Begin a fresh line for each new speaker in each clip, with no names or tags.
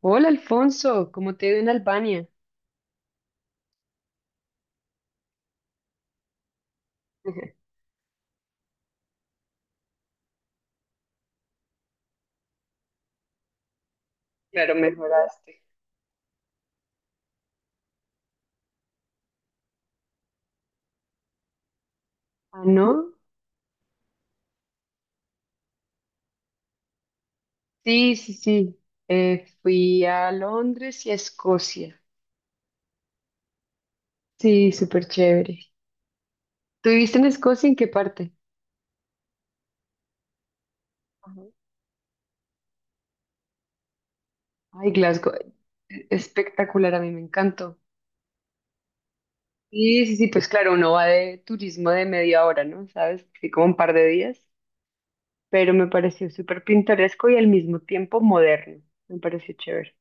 Hola Alfonso, ¿cómo te ha ido en Albania? Claro, mejoraste. Ah, ¿no? Sí, sí, sí. Fui a Londres y a Escocia. Sí, súper chévere. ¿Tú viviste en Escocia? ¿En qué parte? Ajá. Ay, Glasgow. Espectacular, a mí me encantó. Sí, sí, sí, pues claro, uno va de turismo de media hora, ¿no? ¿Sabes? Sí, como un par de días, pero me pareció súper pintoresco y al mismo tiempo moderno. Me pareció chévere.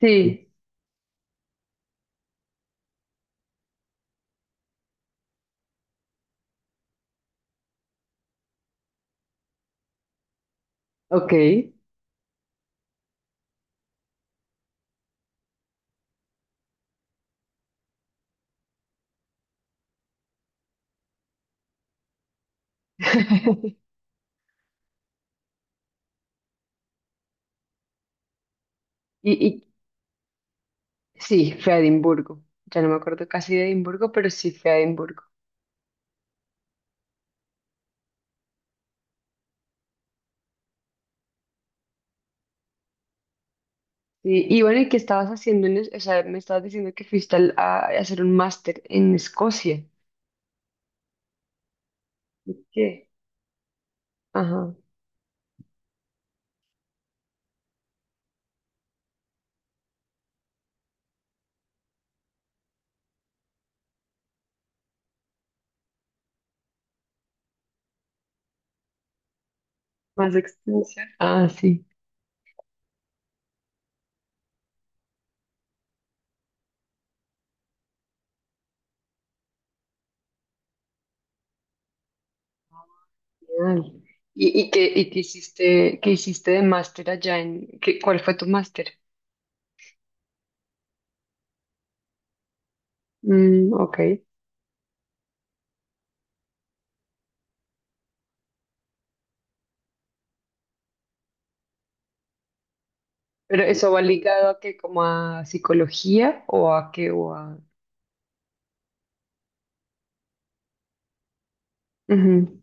Sí, ok. ¿Y, Sí, fui a Edimburgo. Ya no me acuerdo casi de Edimburgo, pero sí fui a Edimburgo. Y bueno, ¿y qué estabas haciendo en es- O sea, me estabas diciendo que a hacer un máster en Escocia. ¿Qué? Ajá. Más extensión. Ah, sí. Genial. ¿Y, y qué hiciste, de máster allá en... cuál fue tu máster? Mm, ok. ¿Pero eso va ligado a qué? ¿Como a psicología o a qué? O a... Ujú,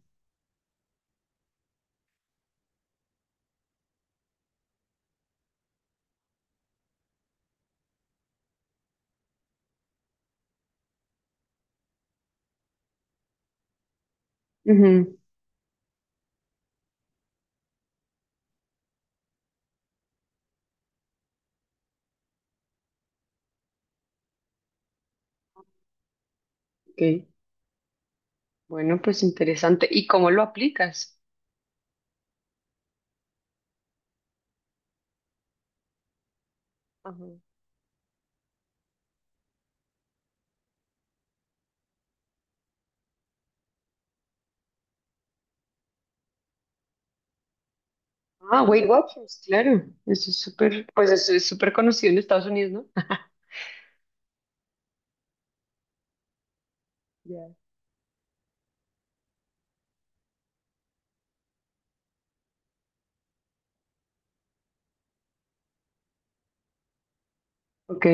ujú, ok. Bueno, pues interesante. ¿Y cómo lo aplicas? Ajá. Ah, Weight Watchers, claro. Eso es súper, pues eso es súper conocido en Estados Unidos, ¿no? Ya. Ok,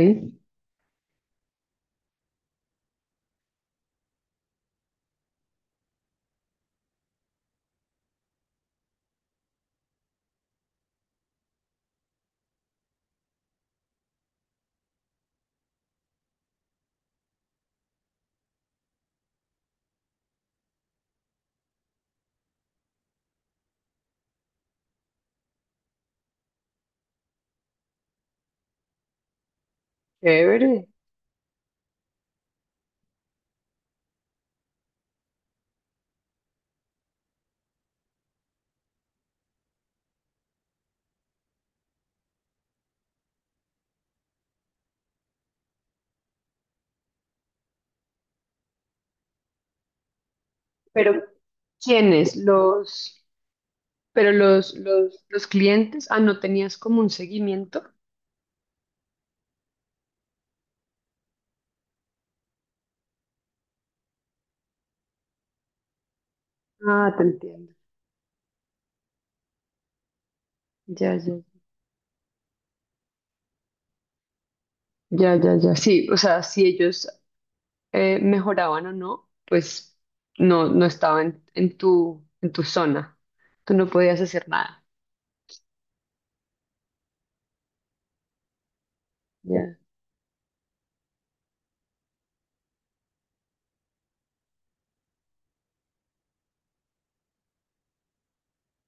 chévere. Pero, ¿quiénes? Los, pero los clientes, ah, no tenías como un seguimiento. Ah, te entiendo. Ya, ya, ya, ya, ya. Sí, o sea, si ellos mejoraban o no, pues no, no estaban en tu zona. Tú no podías hacer nada. Ya.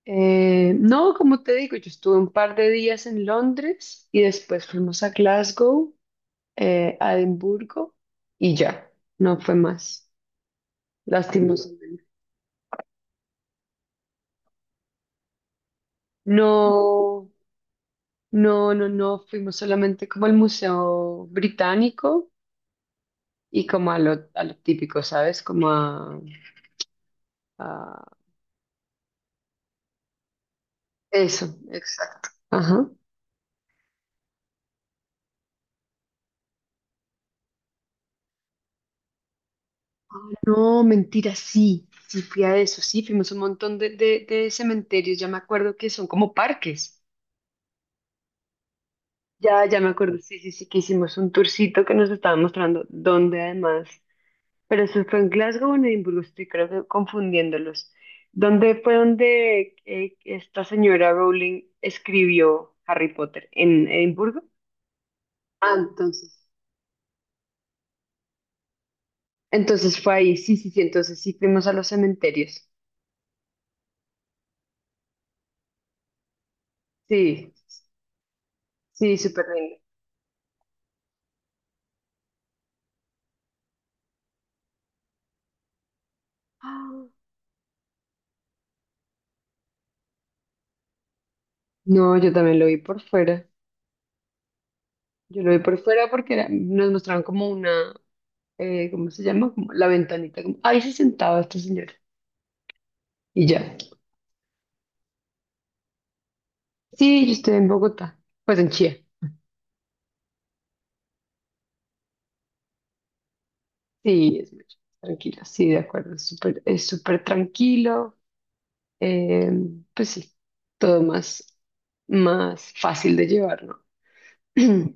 No, como te digo, yo estuve un par de días en Londres y después fuimos a Glasgow, a Edimburgo y ya, no fue más, lastimosamente. No, no, no, no, fuimos solamente como al Museo Británico y como a lo típico, ¿sabes? A- eso, exacto. Ajá. No, mentira, sí, sí fui a eso, sí, fuimos a un montón de, de cementerios, ya me acuerdo que son como parques. Ya, ya me acuerdo, sí, sí, sí, que hicimos un tourcito que nos estaba mostrando dónde además, pero eso fue en Glasgow o en Edimburgo, estoy creo que confundiéndolos. ¿Dónde fue donde esta señora Rowling escribió Harry Potter? ¿En Edimburgo? Ah, entonces. Entonces fue ahí, sí, sí, sí, entonces sí fuimos a los cementerios. Sí, sí, súper lindo. ¡Ah! No, yo también lo vi por fuera. Yo lo vi por fuera porque era- Nos mostraron como una, ¿cómo se llama? Como la ventanita, como, ahí se sentaba esta señora. Y ya. Sí, yo estoy en Bogotá, pues en Chía. Sí, es muy tranquilo, sí, de acuerdo, es súper tranquilo. eh, pues sí, todo más, más fácil de llevar, ¿no?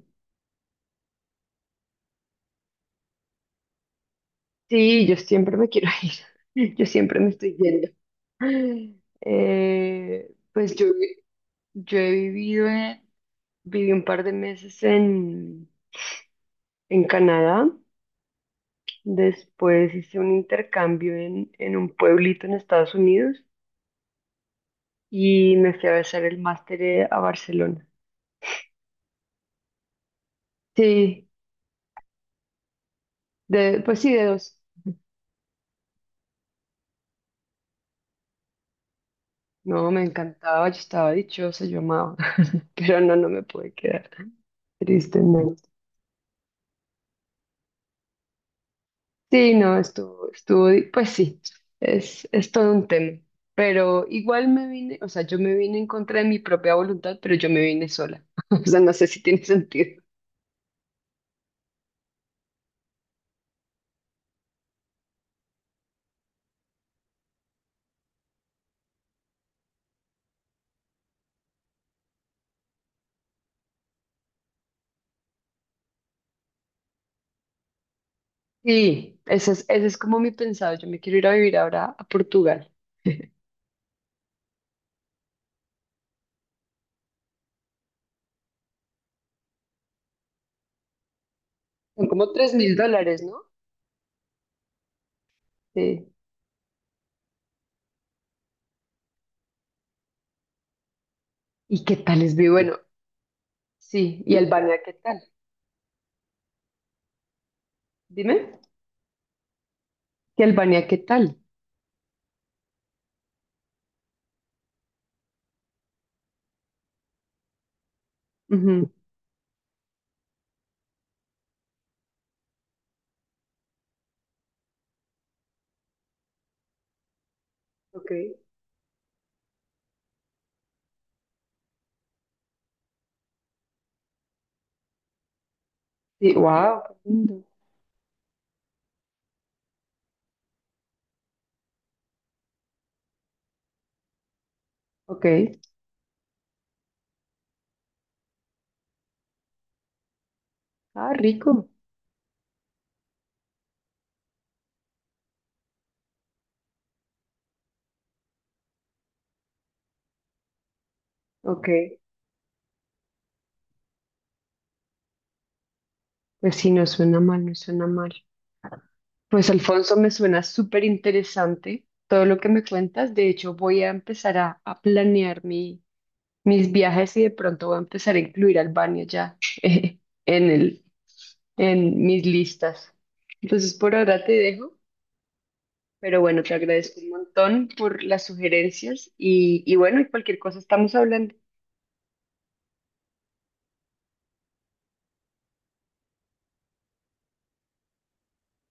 Sí, yo siempre me quiero ir, yo siempre me estoy yendo. Eh, pues yo, yo he vivido, viví un par de meses en Canadá. Después hice un intercambio en un pueblito en Estados Unidos y me fui a hacer el máster a Barcelona. Sí, de, pues sí, de dos. No, me encantaba, yo estaba dichosa, yo amaba, pero no, no me pude quedar, tristemente. Sí, no, estuvo, pues sí, es todo un tema. Pero igual me vine, o sea, yo me vine en contra de mi propia voluntad, pero yo me vine sola. O sea, no sé si tiene sentido. Sí, ese es como mi pensado. Yo me quiero ir a vivir ahora a Portugal. Son como $3000, ¿no? Sí. ¿Y qué tal es? Vi- Bueno, sí. ¿Y Albania qué tal? Dime. ¿Y Albania qué tal? Ujú. Ok. Sí, wow, qué lindo. Ok. Ah, rico. Ok. Pues sí, no suena mal, no suena mal. Pues Alfonso, me suena súper interesante todo lo que me cuentas. De hecho, voy a empezar a planear mi mis viajes y de pronto voy a empezar a incluir Albania ya, eh, en el, en mis listas. Entonces por ahora te dejo, pero bueno, te agradezco un montón por las sugerencias y bueno, y cualquier cosa estamos hablando.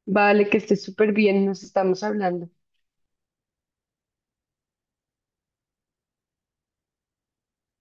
Vale, que estés súper bien, nos estamos hablando.